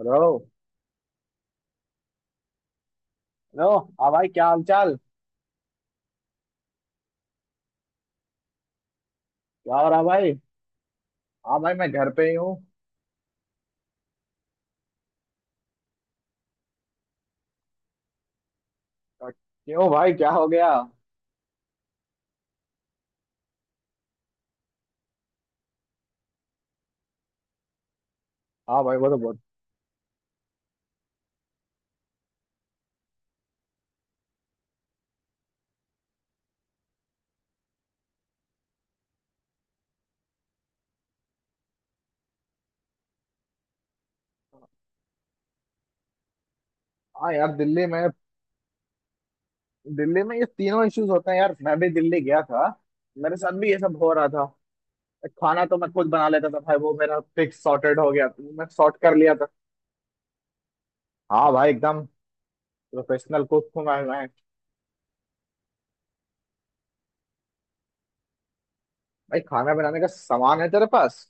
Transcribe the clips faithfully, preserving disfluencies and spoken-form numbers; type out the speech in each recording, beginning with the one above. Hello. Hello. हाँ भाई, क्या हाल चाल? क्या हो रहा भाई? हाँ भाई, मैं घर पे ही हूँ। और- क्यों भाई, क्या हो गया? हाँ भाई, वो तो बहुत। हाँ यार, दिल्ली में। दिल्ली में ये तीनों इश्यूज होते हैं यार। मैं भी दिल्ली गया था। मेरे साथ भी ये सब हो रहा था। खाना तो मैं खुद बना लेता था भाई, वो मेरा फिक्स सॉर्टेड हो गया था, मैं सॉर्ट कर लिया था। हाँ भाई, एकदम प्रोफेशनल कुक हूँ मैं मैं। भाई, खाना बनाने का सामान है तेरे पास?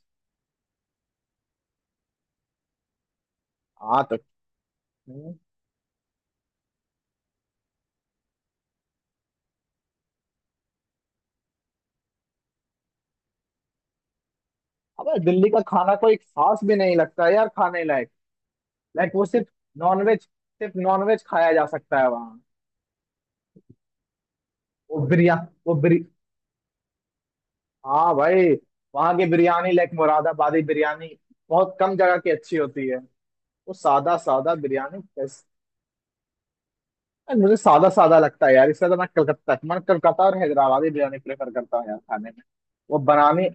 हाँ तो। हम्म। अबे, दिल्ली का खाना कोई खास भी नहीं लगता है यार, खाने लायक। लाइक वो सिर्फ। नॉनवेज, सिर्फ नॉनवेज खाया जा सकता है वहाँ। वो बिरया वो बिरी हाँ भाई, वहाँ की बिरयानी लाइक मुरादाबादी बिरयानी। बहुत कम जगह की अच्छी होती है। वो सादा सादा बिरयानी कैस- यार, मुझे सादा सादा लगता है यार, इसलिए तो मैं कलकत्ता मैं कलकत्ता और हैदराबादी बिरयानी प्रेफर करता हूँ यार खाने में। वो बनाने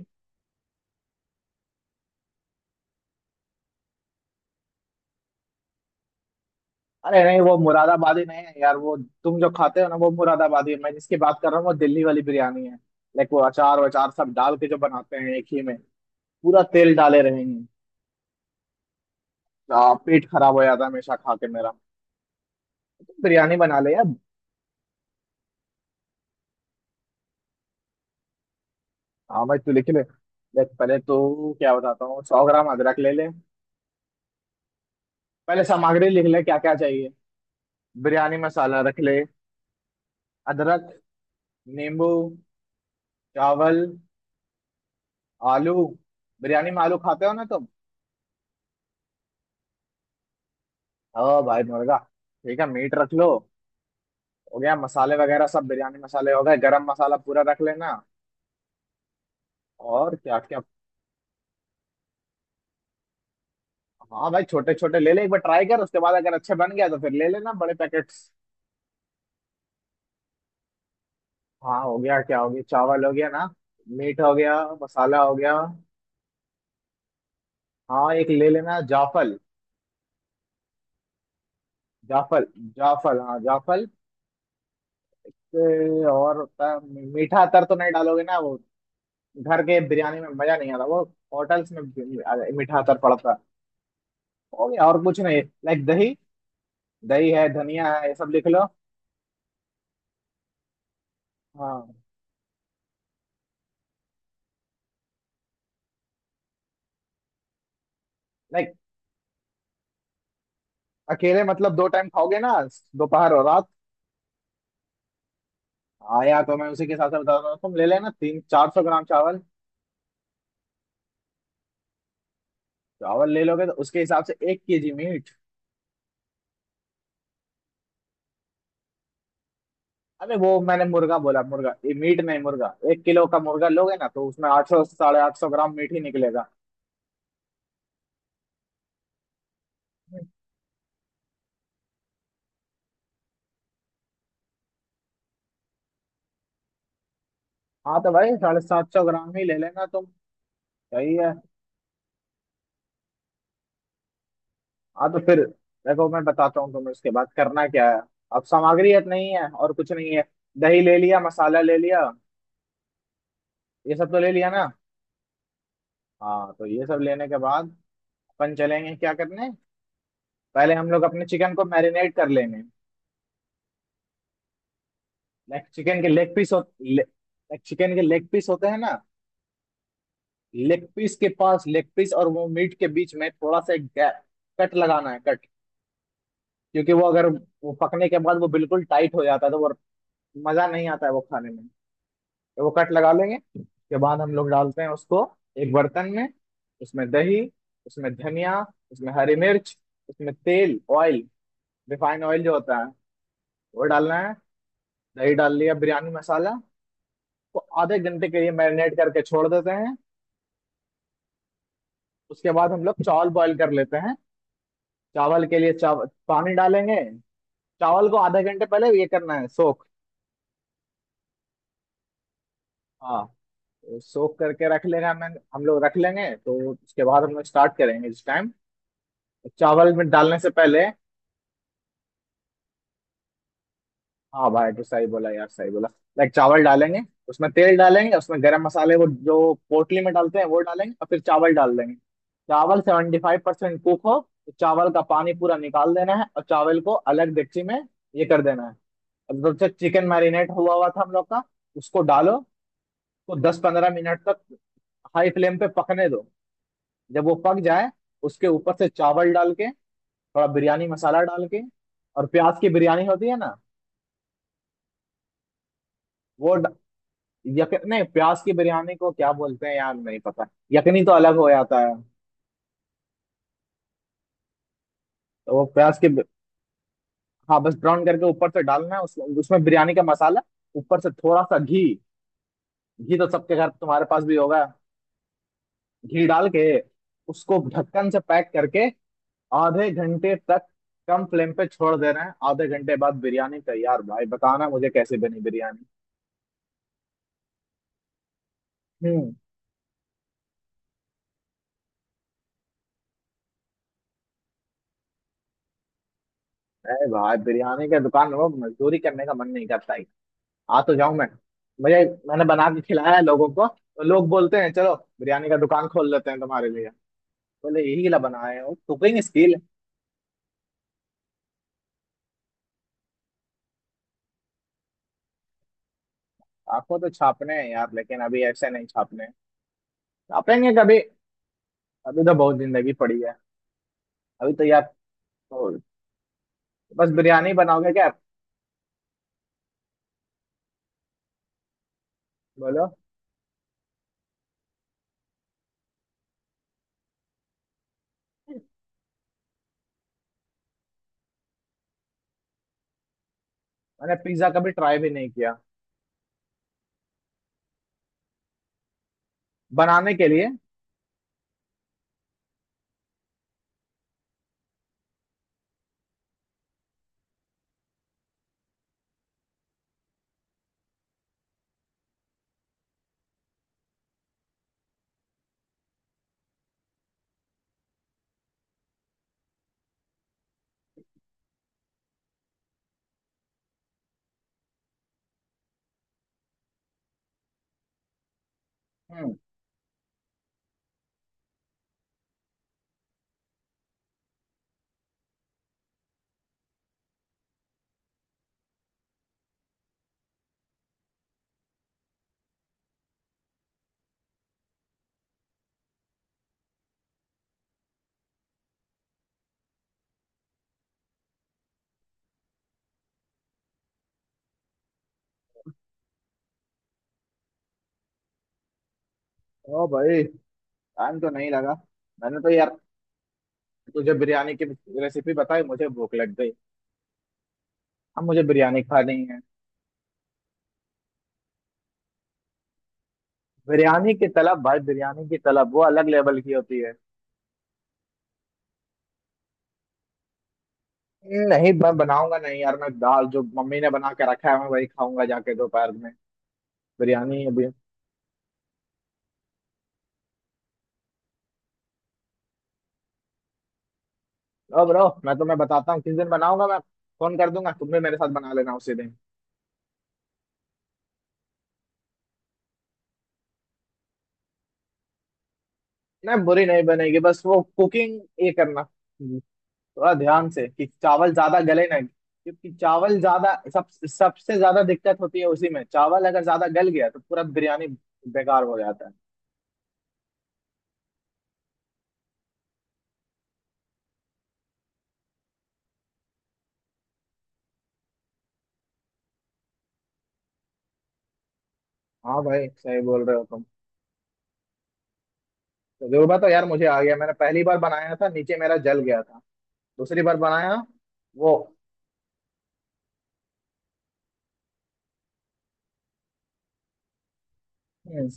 अरे नहीं, वो मुरादाबादी नहीं है यार, वो। तुम जो खाते हो ना वो मुरादाबादी है, मैं जिसकी बात कर रहा हूँ वो दिल्ली वाली बिरयानी है। लाइक वो अचार वचार सब डाल के जो बनाते हैं एक ही में। पूरा तेल डाले रहेंगे। आ, पेट खराब हो जाता है हमेशा खा के मेरा। तो बिरयानी बना ले यार। हाँ भाई, तू लिख ले। देख पहले तो क्या बताता हूँ, सौ ग्राम अदरक ले ले। पहले सामग्री लिख ले, क्या क्या चाहिए। बिरयानी मसाला रख ले। अदरक। नींबू। चावल। आलू। बिरयानी में आलू खाते हो ना तुम? ओ भाई, मुर्गा। ठीक है, मीट रख लो। हो गया? मसाले वगैरह सब बिरयानी मसाले हो गए। गरम मसाला पूरा रख लेना। और क्या क्या? हाँ भाई, छोटे छोटे ले ले, एक बार ट्राई कर, उसके बाद अगर अच्छे बन गया तो फिर ले लेना बड़े पैकेट। हाँ, हो गया? क्या हो गया, चावल हो गया ना? मीट हो गया। मसाला हो गया। हाँ, एक ले लेना जाफल। जाफल। जाफल, हाँ जाफल। ए, और होता है। मीठा अतर तो नहीं डालोगे ना वो? घर के बिरयानी में मजा नहीं आता वो। होटल्स में मीठा अतर पड़ता है। हो गया? और कुछ नहीं, लाइक दही। दही है, धनिया है, ये सब लिख लो। हाँ। लाइक। अकेले मतलब, दो टाइम खाओगे ना? दोपहर और रात। आया, तो मैं उसी के हिसाब से बता रहा हूँ, तुम ले लेना तीन चार सौ ग्राम चावल। चावल ले लोगे तो उसके हिसाब से एक केजी मीट। अरे, वो मैंने मुर्गा बोला, मुर्गा ये मीट नहीं, मुर्गा। एक किलो का मुर्गा लोगे ना तो उसमें आठ सौ साढ़े आठ सौ ग्राम मीट ही निकलेगा। हाँ तो भाई, साढ़े सात सौ ग्राम ही ले लेना तुम। सही है। हाँ तो फिर देखो मैं बताता हूँ तुम्हें, उसके बाद करना क्या है। अब सामग्री अब नहीं है और कुछ नहीं है। दही ले लिया, मसाला ले लिया, ये सब तो ले लिया ना? हाँ तो ये सब लेने के बाद अपन चलेंगे क्या करने। पहले हम लोग अपने चिकन को मैरिनेट कर लेंगे। लाइक चिकन के लेग पीस हो, चिकन के लेग पीस होते हैं ना? लेग पीस के पास लेग पीस और वो मीट के बीच में थोड़ा सा एक गैप, कट लगाना है, कट। क्योंकि वो अगर वो पकने के बाद वो बिल्कुल टाइट हो जाता है तो वो मजा नहीं आता है वो खाने में। तो वो कट लगा लेंगे। उसके बाद हम लोग डालते हैं उसको एक बर्तन में, उसमें दही, उसमें धनिया, उसमें हरी मिर्च, उसमें तेल ऑयल, रिफाइंड ऑयल जो होता है वो डालना है। दही डाल लिया, बिरयानी मसाला को आधे घंटे के लिए मैरिनेट करके छोड़ देते हैं। उसके बाद हम लोग चावल बॉईल कर लेते हैं। चावल के लिए चावल पानी डालेंगे। चावल को आधे घंटे पहले ये करना है, सोख। हाँ तो सोख करके रख लेगा मैं, हम लोग रख लेंगे, तो उसके बाद हम लोग स्टार्ट करेंगे इस टाइम चावल में डालने से पहले। हाँ भाई, तो सही बोला यार, सही बोला। लाइक चावल डालेंगे, उसमें तेल डालेंगे, उसमें गरम मसाले, वो जो पोटली में डालते हैं वो डालेंगे, और फिर चावल डाल देंगे। चावल सेवेंटी फाइव परसेंट कुक हो तो चावल का पानी पूरा निकाल देना है और चावल को अलग डेगची में ये कर देना है। अब जब से चिकन मैरिनेट हुआ हुआ था हम लोग का, उसको डालो। तो दस पंद्रह मिनट तक हाई फ्लेम पे पकने दो। जब वो पक जाए, उसके ऊपर से चावल डाल के, थोड़ा बिरयानी मसाला डाल के, और प्याज की बिरयानी होती है ना, वो ड... यक... नहीं, प्याज की बिरयानी को क्या बोलते हैं यार, नहीं पता। यकनी तो अलग हो जाता है। तो वो प्याज के, हाँ बस ब्राउन करके ऊपर से डालना है उस, उसमें बिरयानी का मसाला, ऊपर से थोड़ा सा घी। घी तो सबके घर तुम्हारे पास भी होगा। घी डाल के उसको ढक्कन से पैक करके आधे घंटे तक कम फ्लेम पे छोड़ दे रहे हैं, आधे घंटे बाद बिरयानी तैयार। भाई बताना मुझे कैसे बनी बिरयानी। हम्म। अरे भाई, बिरयानी के दुकान में वो मजदूरी करने का मन नहीं करता ही, आ तो जाऊं मैं। मुझे, मैंने बना के खिलाया है लोगों को तो लोग बोलते हैं चलो बिरयानी का दुकान खोल लेते हैं तुम्हारे लिए। बोले यही ला बनाए हो कुकिंग स्किल। आपको तो छापने हैं यार, लेकिन अभी ऐसे नहीं छापने, छापेंगे कभी। अभी तो बहुत जिंदगी पड़ी है। अभी तो यार। तो बस बिरयानी बनाओगे क्या? बोलो। मैंने पिज्जा कभी ट्राई भी नहीं किया बनाने के लिए। हम्म। ओ भाई, टाइम तो नहीं लगा। मैंने तो यार, तुझे बिरयानी की रेसिपी बताई, मुझे भूख लग गई। अब मुझे बिरयानी खानी है। बिरयानी की तलब भाई, बिरयानी की तलब वो अलग लेवल की होती है। नहीं, मैं बनाऊंगा नहीं यार, मैं दाल जो मम्मी ने बना के रखा है मैं वही खाऊंगा जाके दोपहर में। बिरयानी अभी? ओ ब्रो, मैं तुम्हें बताता हूँ किस दिन बनाऊंगा मैं, फोन कर दूंगा, तुम भी मेरे साथ बना लेना उसी दिन। नहीं बुरी नहीं बनेगी, बस वो कुकिंग ये करना थोड़ा ध्यान से कि चावल ज्यादा गले ना, क्योंकि चावल ज्यादा सब सबसे ज्यादा दिक्कत होती है उसी में, चावल अगर ज्यादा गल गया तो पूरा बिरयानी बेकार हो जाता है। हाँ भाई, सही बोल रहे हो तुम। तजुर्बा तो यार मुझे आ गया, मैंने पहली बार बनाया था नीचे मेरा जल गया था, दूसरी बार बनाया वो, हम्म,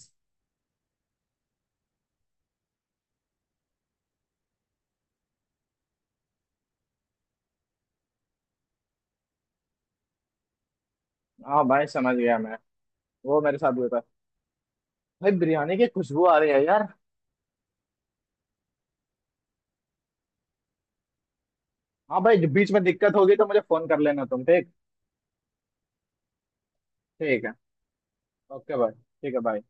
हाँ भाई समझ गया मैं, वो मेरे साथ हुआ था। भाई बिरयानी की खुशबू आ रही है यार। हाँ भाई, बीच में दिक्कत होगी तो मुझे फोन कर लेना तुम, ठीक? ठीक है, ओके भाई, ठीक है भाई।